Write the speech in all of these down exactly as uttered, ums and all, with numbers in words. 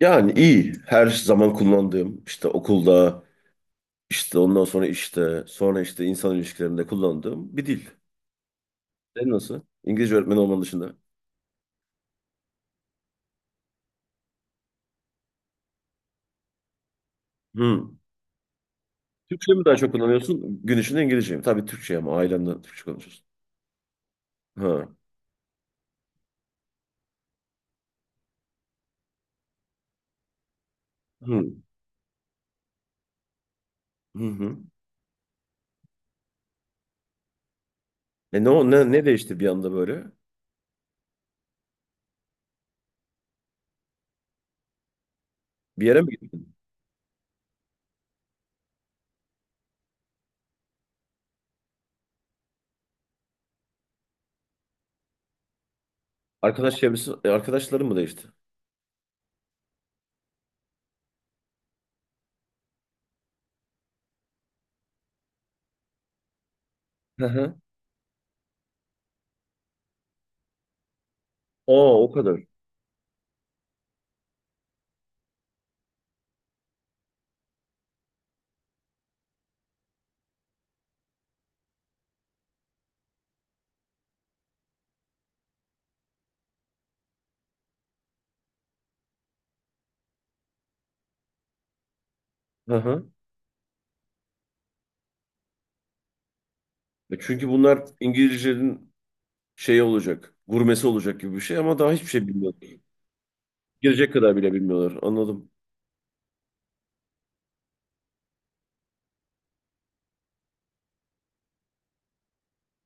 Yani iyi. Her zaman kullandığım işte okulda işte ondan sonra işte sonra işte insan ilişkilerinde kullandığım bir dil. Senin nasıl? İngilizce öğretmeni olman dışında. Hmm. Türkçe mi daha çok kullanıyorsun? Gün içinde İngilizce mi? Tabii Türkçe ama ailemden Türkçe konuşuyorsun. Ha. Hmm. Hı hı. E ne, o- ne, ne değişti bir anda böyle? Bir yere mi gittin? Arkadaş çevresi, e, arkadaşların mı değişti? Hı hı. Aa, o kadar. Hı hı. E çünkü bunlar İngilizcenin şeyi olacak, gurmesi olacak gibi bir şey ama daha hiçbir şey bilmiyor. Girecek kadar bile bilmiyorlar. Anladım.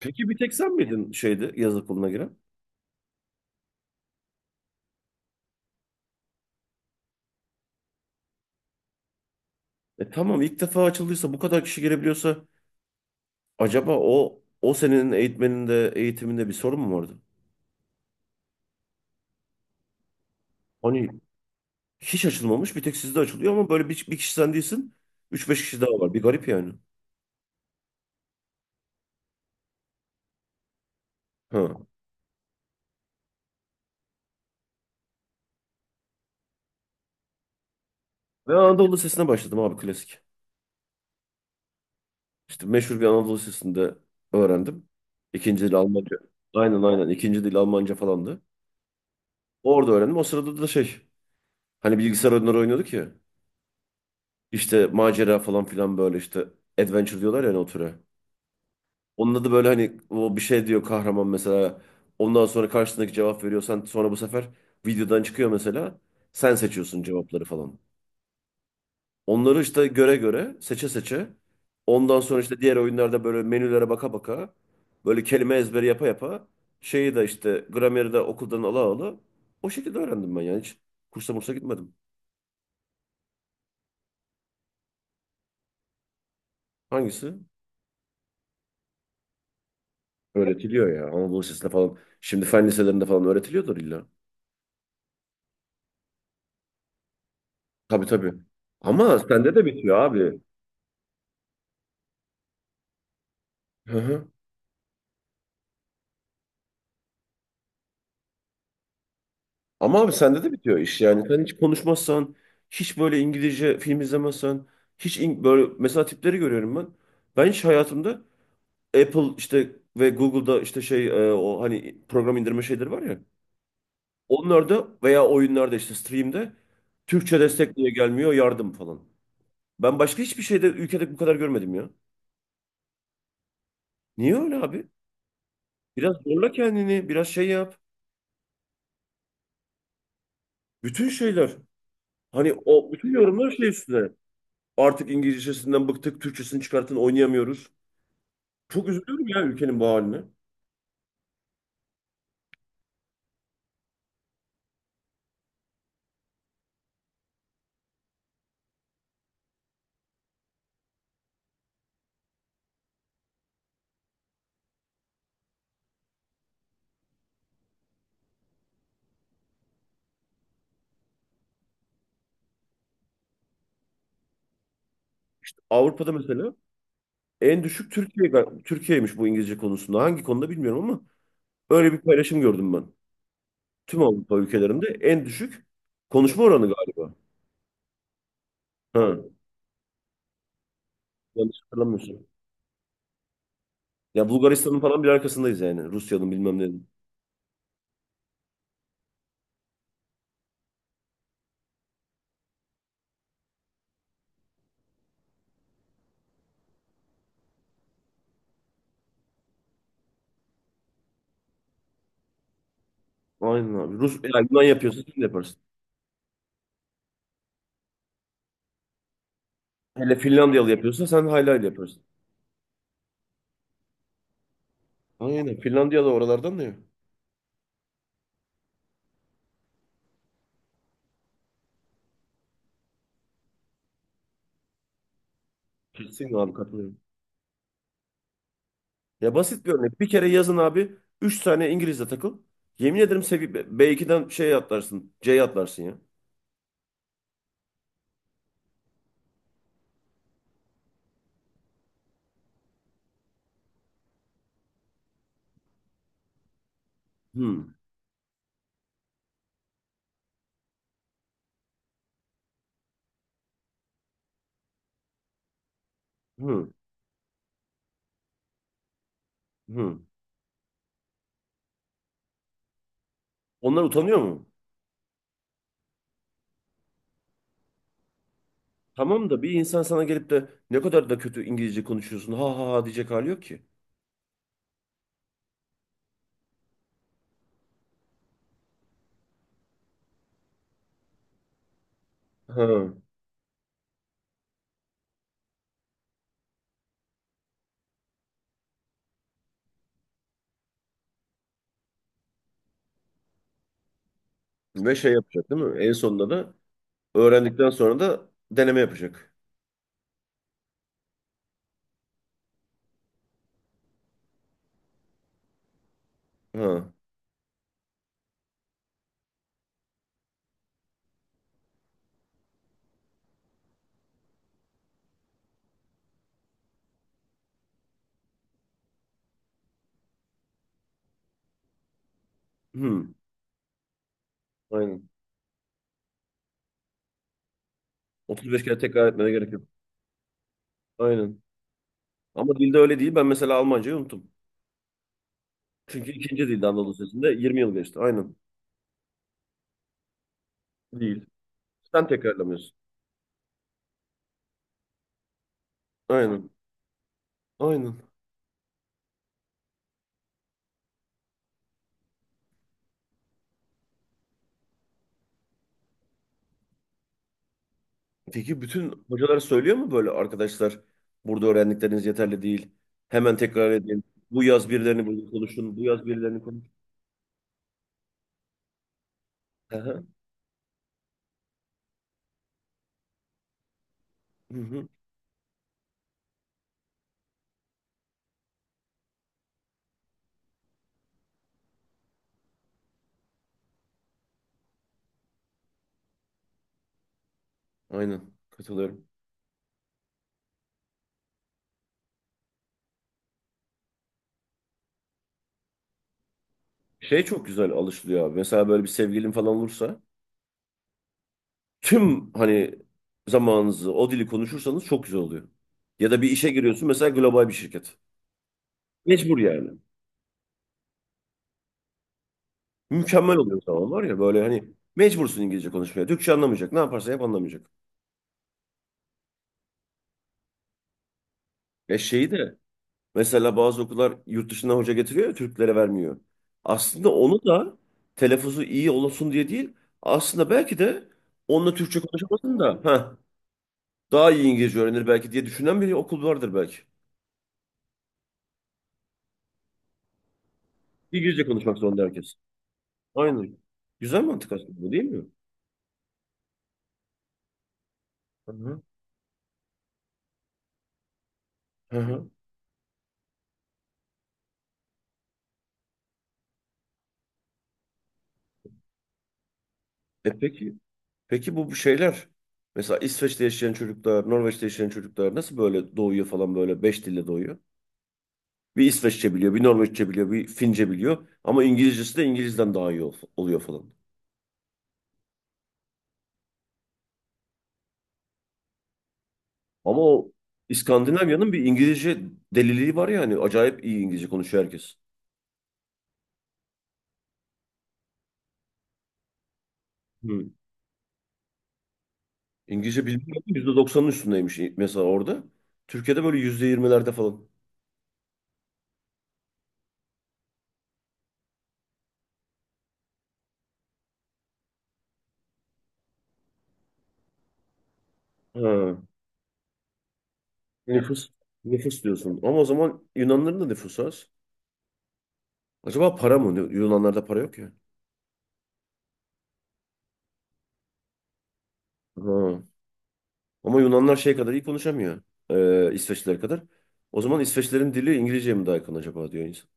Peki bir tek sen miydin şeyde yaz okuluna giren? E tamam, ilk defa açıldıysa bu kadar kişi girebiliyorsa acaba o o senenin eğitmeninde eğitiminde bir sorun mu vardı? Hani hiç açılmamış, bir tek sizde açılıyor ama böyle bir, bir kişi sen değilsin. Üç beş kişi daha var. Bir garip yani. Ha. Ben Anadolu Lisesi'ne başladım abi, klasik. İşte meşhur bir Anadolu Lisesi'nde öğrendim. İkinci dil Almanca. Aynen, aynen. İkinci dil Almanca falandı. Orada öğrendim. O sırada da şey. Hani bilgisayar oyunları oynuyorduk ya. İşte macera falan filan, böyle işte adventure diyorlar ya hani o türe. Onun adı böyle, hani o bir şey diyor kahraman mesela. Ondan sonra karşısındaki cevap veriyor. Sen sonra bu sefer videodan çıkıyor mesela. Sen seçiyorsun cevapları falan. Onları işte göre göre, seçe seçe. Ondan sonra işte diğer oyunlarda böyle menülere baka baka. Böyle kelime ezberi yapa yapa. Şeyi de işte, grameri de okuldan ala ala. O şekilde öğrendim ben, yani hiç kursa mursa gitmedim. Hangisi? Öğretiliyor ya. Anadolu Lisesi'nde falan. Şimdi fen liselerinde falan öğretiliyordur illa. Tabii, tabii. Ama sende de bitiyor abi. Hı hı. Ama abi sende de bitiyor iş yani. Sen hiç konuşmazsan, hiç böyle İngilizce film izlemezsen, hiç in- böyle mesela tipleri görüyorum ben. Ben hiç hayatımda Apple işte ve Google'da işte şey, e, o hani program indirme şeyleri var ya. Onlarda veya oyunlarda işte stream'de Türkçe destek niye gelmiyor yardım falan. Ben başka hiçbir şeyde, ülkede bu kadar görmedim ya. Niye öyle abi? Biraz zorla kendini, biraz şey yap. Bütün şeyler. Hani o bütün yorumlar şey üstüne. Artık İngilizcesinden bıktık, Türkçesini çıkartın, oynayamıyoruz. Çok üzülüyorum ya ülkenin bu haline. Avrupa'da mesela en düşük Türkiye Türkiye'ymiş bu İngilizce konusunda. Hangi konuda bilmiyorum ama öyle bir paylaşım gördüm ben. Tüm Avrupa ülkelerinde en düşük konuşma oranı galiba. Ha, yanlış hatırlamıyorsun. Ya Bulgaristan'ın falan bir arkasındayız yani. Rusya'nın bilmem ne. Aynen abi. Rus, yani Yunan yapıyorsa sen de yaparsın. Hele Finlandiyalı yapıyorsa sen haylayla yaparsın. Aynen. Finlandiya da oralardan da ya. Kesin abi, katılıyorum. Ya basit bir örnek. Bir kere yazın abi. Üç tane İngiliz'le takıl. Yemin ederim sevi be ikiden şey atlarsın. ceye atlarsın ya. Hı. Hı. Hı. Onlar utanıyor mu? Tamam da bir insan sana gelip de ne kadar da kötü İngilizce konuşuyorsun ha ha ha diyecek hali yok ki. Ha. Ve şey yapacak değil mi? En sonunda da öğrendikten sonra da deneme yapacak. Ha. Hı. Aynen. otuz beş kere tekrar etmene gerek yok. Aynen. Ama dilde öyle değil. Ben mesela Almancayı unuttum. Çünkü ikinci dilde Anadolu Sesi'nde yirmi yıl geçti. Aynen. Değil. Sen tekrarlamıyorsun. Aynen. Aynen. Peki bütün hocalar söylüyor mu böyle, arkadaşlar burada öğrendikleriniz yeterli değil, hemen tekrar edin, bu yaz birilerini burada konuşun, bu yaz birilerini konuşun. Hı hı. Hı hı. Aynen. Katılıyorum. Şey çok güzel alışılıyor abi. Mesela böyle bir sevgilin falan olursa tüm hani zamanınızı o dili konuşursanız çok güzel oluyor. Ya da bir işe giriyorsun mesela, global bir şirket. Mecbur yani. Mükemmel oluyor o zaman var ya, böyle hani mecbursun İngilizce konuşmaya. Türkçe anlamayacak. Ne yaparsa yap anlamayacak. Ya şeyi de mesela bazı okullar yurt dışından hoca getiriyor ya, Türklere vermiyor. Aslında onu da telaffuzu iyi olsun diye değil. Aslında belki de onunla Türkçe konuşmasın da, heh, daha iyi İngilizce öğrenir belki diye düşünen bir okul vardır belki. İngilizce konuşmak zorunda herkes. Aynen. Güzel mantık aslında, bu değil mi? Hı hı. Hı hı. E peki Peki bu bu şeyler, mesela İsveç'te yaşayan çocuklar, Norveç'te yaşayan çocuklar nasıl böyle doğuyor falan, böyle beş dille doğuyor? Bir İsveççe biliyor, bir Norveççe biliyor, bir Fince biliyor ama İngilizcesi de İngiliz'den daha iyi ol- oluyor falan. Ama o İskandinavya'nın bir İngilizce deliliği var ya, hani acayip iyi İngilizce konuşuyor herkes. Hı. İngilizce bilmiyorum yüzde doksanın üstündeymiş mesela orada. Türkiye'de böyle yüzde yirmilerde falan. Ha. Nüfus. Nüfus diyorsun. Ama o zaman Yunanların da nüfusu az. Acaba para mı? Yunanlarda para yok ya. Ha. Ama Yunanlar şey kadar iyi konuşamıyor. Ee, İsveçliler kadar. O zaman İsveçlerin dili İngilizceye mi daha yakın acaba diyor insan.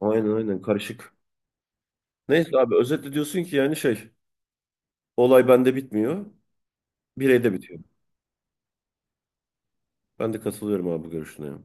Aynen, aynen, karışık. Neyse abi, özetle diyorsun ki yani şey, olay bende bitmiyor. Bireyde bitiyor. Ben de katılıyorum abi bu görüşüne. Ya.